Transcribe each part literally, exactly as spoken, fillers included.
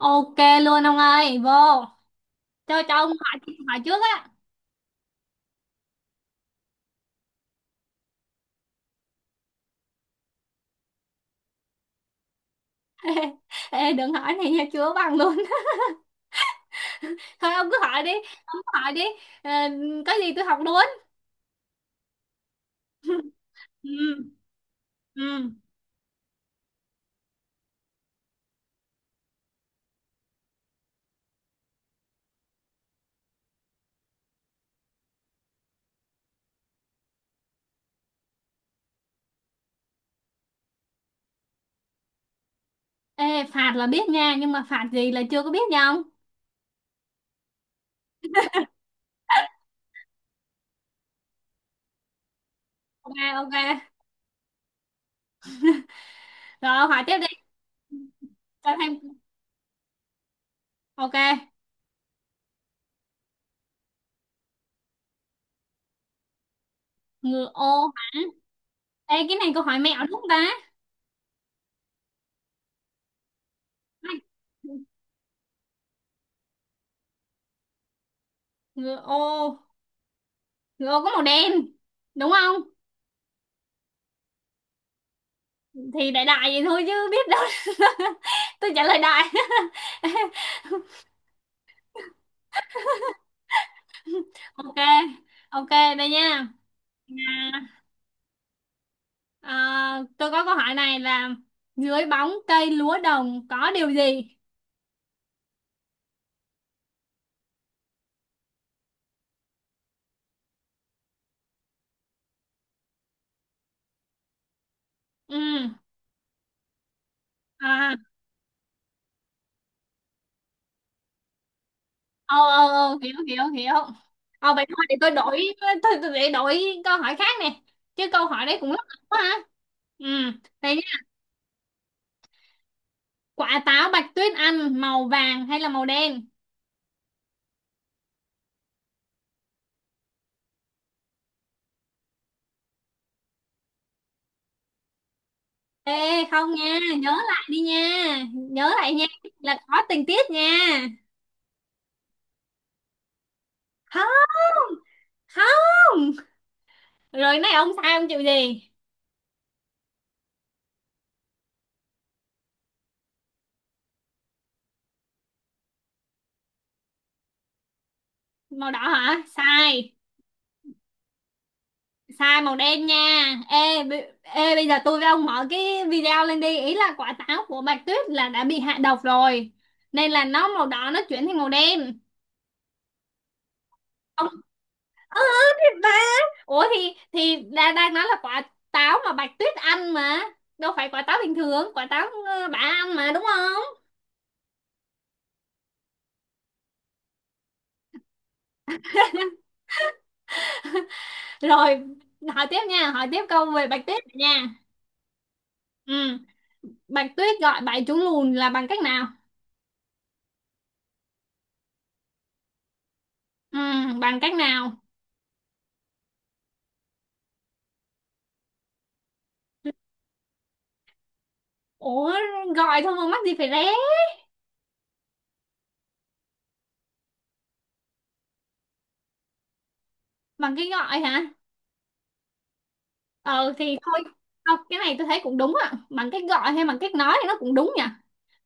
Ok luôn ông ơi, vô. Cho cho ông hỏi hỏi trước á. Ê, đừng hỏi này nha, chưa bằng luôn. Thôi ông cứ hỏi đi, ông cứ hỏi đi. Ờ, có gì tôi học luôn. Ừ. Ừ. Ê, phạt là biết nha, nhưng mà phạt gì là chưa có biết nha ông. Ok, ok. Rồi ông hỏi tiếp đi. Cho thêm. Ok. Ngựa ô hả? Ê, cái này câu hỏi mẹo đúng không ta? Ai? Ngựa ô, ngựa ô có màu đen. Đúng không? Thì đại đại vậy thôi chứ biết đâu. Tôi trả lời đại. Ok, ok, đây nha. À, à, tôi có câu hỏi này là dưới bóng cây lúa đồng có điều gì. Ừ. À. Ờ, ờ, ờ, hiểu, hiểu, hiểu. Ờ vậy thôi, để tôi đổi tôi, tôi để đổi câu hỏi khác nè. Chứ câu hỏi đấy cũng lắc lắc quá hả. Ừ, đây nha. Quả táo Bạch Tuyết ăn màu vàng hay là màu đen? Ê không nha, nhớ lại đi nha, nhớ lại nha, là có tình tiết nha. Không, không. Rồi này ông sai ông chịu gì? Màu đỏ hả? Sai, sai màu đen nha. Ê, b- ê bây giờ tôi với ông mở cái video lên đi, ý là quả táo của Bạch Tuyết là đã bị hạ độc rồi. Nên là nó màu đỏ nó chuyển thành màu đen. Ông ừ, thì ba. Ủa thì thì đang đang nói là quả táo mà Bạch Tuyết ăn mà. Đâu phải quả táo bình thường, quả táo ờ, bà ăn mà đúng không? Rồi, hỏi tiếp nha, hỏi tiếp câu về Bạch Tuyết nha. Ừ, Bạch Tuyết gọi bảy chú lùn là bằng cách nào? Ừ, bằng cách nào? Ủa, gọi thôi mà mắc gì phải ré? Bằng cái gọi hả? Ừ, thì thôi, không, cái này tôi thấy cũng đúng ạ. Bằng cách gọi hay bằng cách nói thì nó cũng đúng nhỉ.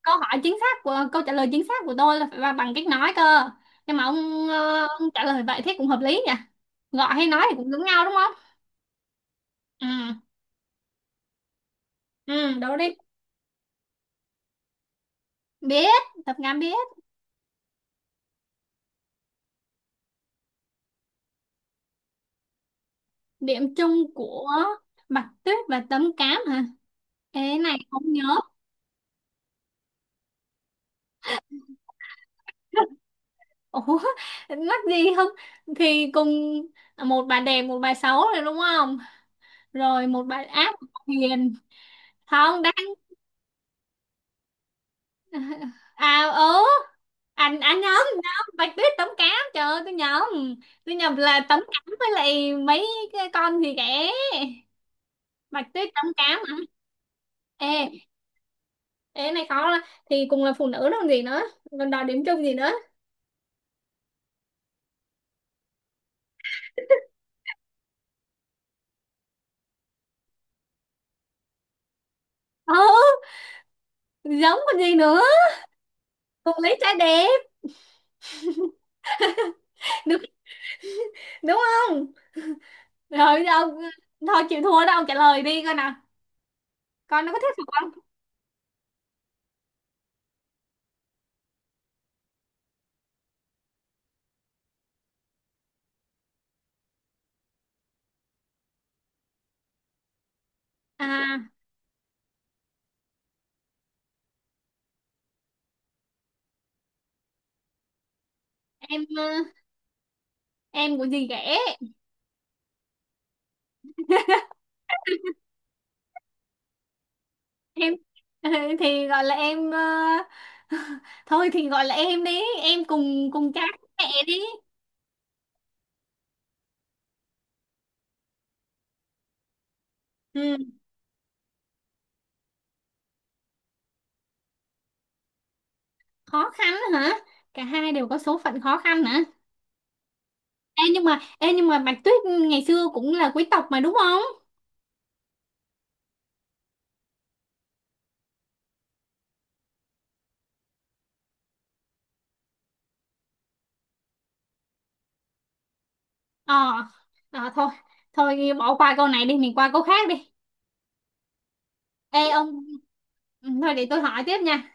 Câu hỏi chính xác của, câu trả lời chính xác của tôi là phải là bằng cách nói cơ. Nhưng mà ông, ờ, ông trả lời vậy thế cũng hợp lý nhỉ. Gọi hay nói thì cũng giống nhau đúng không? Ừ, ừ, đố đi. Biết, tập ngắm biết. Điểm chung của Bạch Tuyết và Tấm Cám hả? Ê cái này không nhớ. Ủa, mắc gì không? Thì cùng một bà đẹp, một bà xấu rồi đúng không? Rồi một bà ác, một bà hiền. Không, đang à ớ anh anh nhầm nhầm Bạch Tuyết Tấm Cám, trời ơi tôi nhầm. Tôi nhầm là Tấm Cám với lại mấy cái con gì kẻ. Bạch Tuyết Tấm Cám hả. Ê, ê cái này khó lắm. Thì cùng là phụ nữ đâu còn gì nữa, còn đòi điểm chung gì nữa. Ừ, giống còn gì nữa. Cô lấy trái đẹp đúng đúng không? Rồi giờ ông thôi chịu thua đó, ông trả lời đi coi nào, coi nó có thuyết phục không. À, em ờ, em của dì ghẻ. Em thì gọi là em ờ, thôi thì gọi là em đi, em cùng cùng cha cùng mẹ đi. Ừ. Khó khăn hả? Cả hai đều có số phận khó khăn hả? Ê nhưng mà ê nhưng mà Bạch Tuyết ngày xưa cũng là quý tộc mà đúng không. Ờ, ờ thôi, thôi bỏ qua câu này đi, mình qua câu khác đi. Ê ông. Ừ, thôi để tôi hỏi tiếp nha.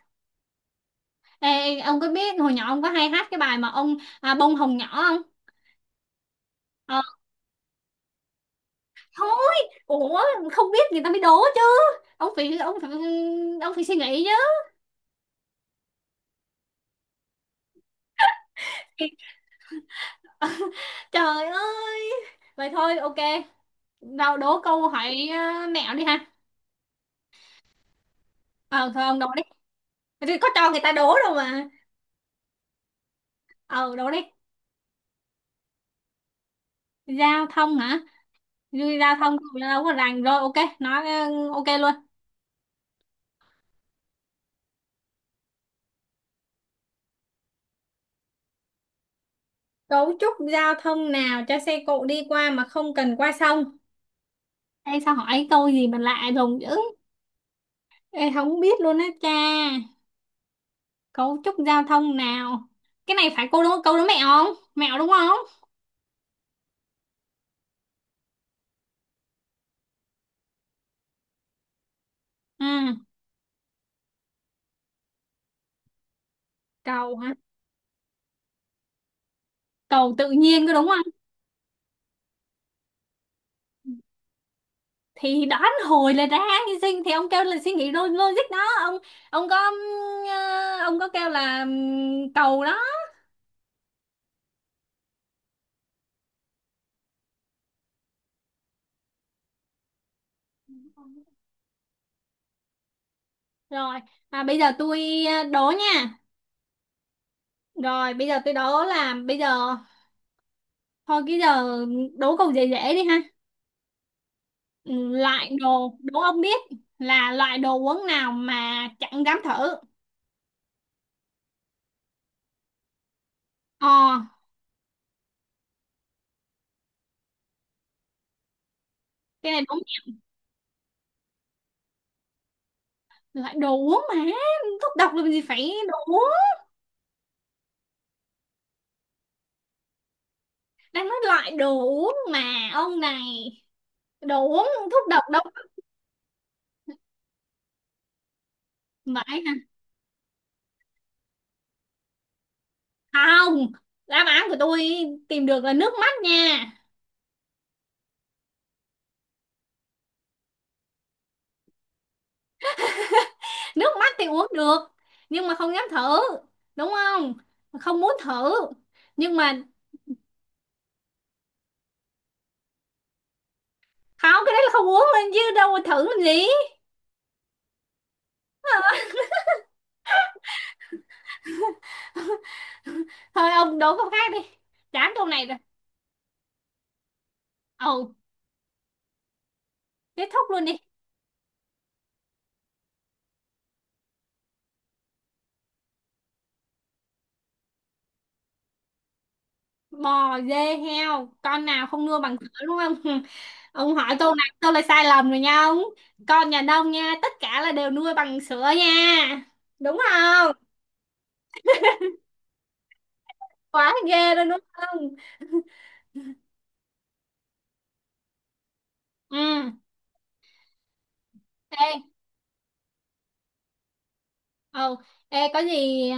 Ê, ông có biết hồi nhỏ ông có hay hát cái bài mà ông à, bông hồng nhỏ không? Ờ, thôi, ủa không biết người ta mới đố chứ. Ông phải ông phải ông phải suy nghĩ chứ. Trời ơi. Vậy thôi ok. Đâu đố câu hỏi à, mẹo đi ha. Ờ thôi ông đố đi. Thì có cho người ta đố đâu mà. Ờ đố đi. Giao thông hả? Giao thông đâu có rành rồi ok, nói ừ, ok luôn. Cấu trúc giao thông nào cho xe cộ đi qua mà không cần qua sông? Ê sao hỏi câu gì mà lạ lùng dữ. Ê không biết luôn á cha. Cấu trúc giao thông nào? Cái này phải câu đố câu đố mẹo không? Mẹo đúng không? Ừ, cầu hả? Cầu tự nhiên có đúng không. Thì đoán hồi là ra như sinh. Thì ông kêu là suy nghĩ lo- logic đó. Ông ông có ừm, ờ, ông có kêu là ừm, cầu đó. Rồi à, bây giờ tôi ờ, đố nha. Rồi bây giờ tôi đố là bây giờ. Thôi cái giờ đố câu dễ dễ đi ha. Ừ, Loại đồ, đố ông biết là loại đồ uống nào mà chẳng dám thử. Ờ, cái này đúng nhỉ. Loại đồ uống mà thuốc độc làm gì phải đồ uống. Đang nói loại đồ uống mà ông này, đồ uống thuốc độc đâu vậy hả? Không, đáp án của tôi tìm được là nước mắt nha. Nước mắt thì uống được nhưng mà không dám thử, đúng không? Không muốn thử nhưng mà không, cái đấy là không uống lên chứ đâu mà thử làm gì. Thôi ông đố câu khác đi, chán câu này rồi. Ồ, kết thúc luôn đi. Bò dê heo con nào không nua bằng cửa đúng không? Ông hỏi câu này tôi là sai lầm rồi nha ông. Con nhà nông nha, tất cả là đều nuôi bằng sữa nha, đúng không? Quá ghê luôn đúng không. Ừ. Ê. Ừ. Ê, có gì ờ,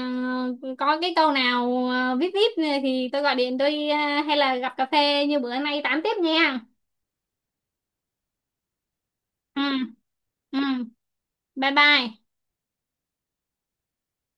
có cái câu nào ờ, vip vip này thì tôi gọi điện tôi ờ, hay là gặp cà phê như bữa nay tám tiếp nha. Ừ. Ừ. Bye bye.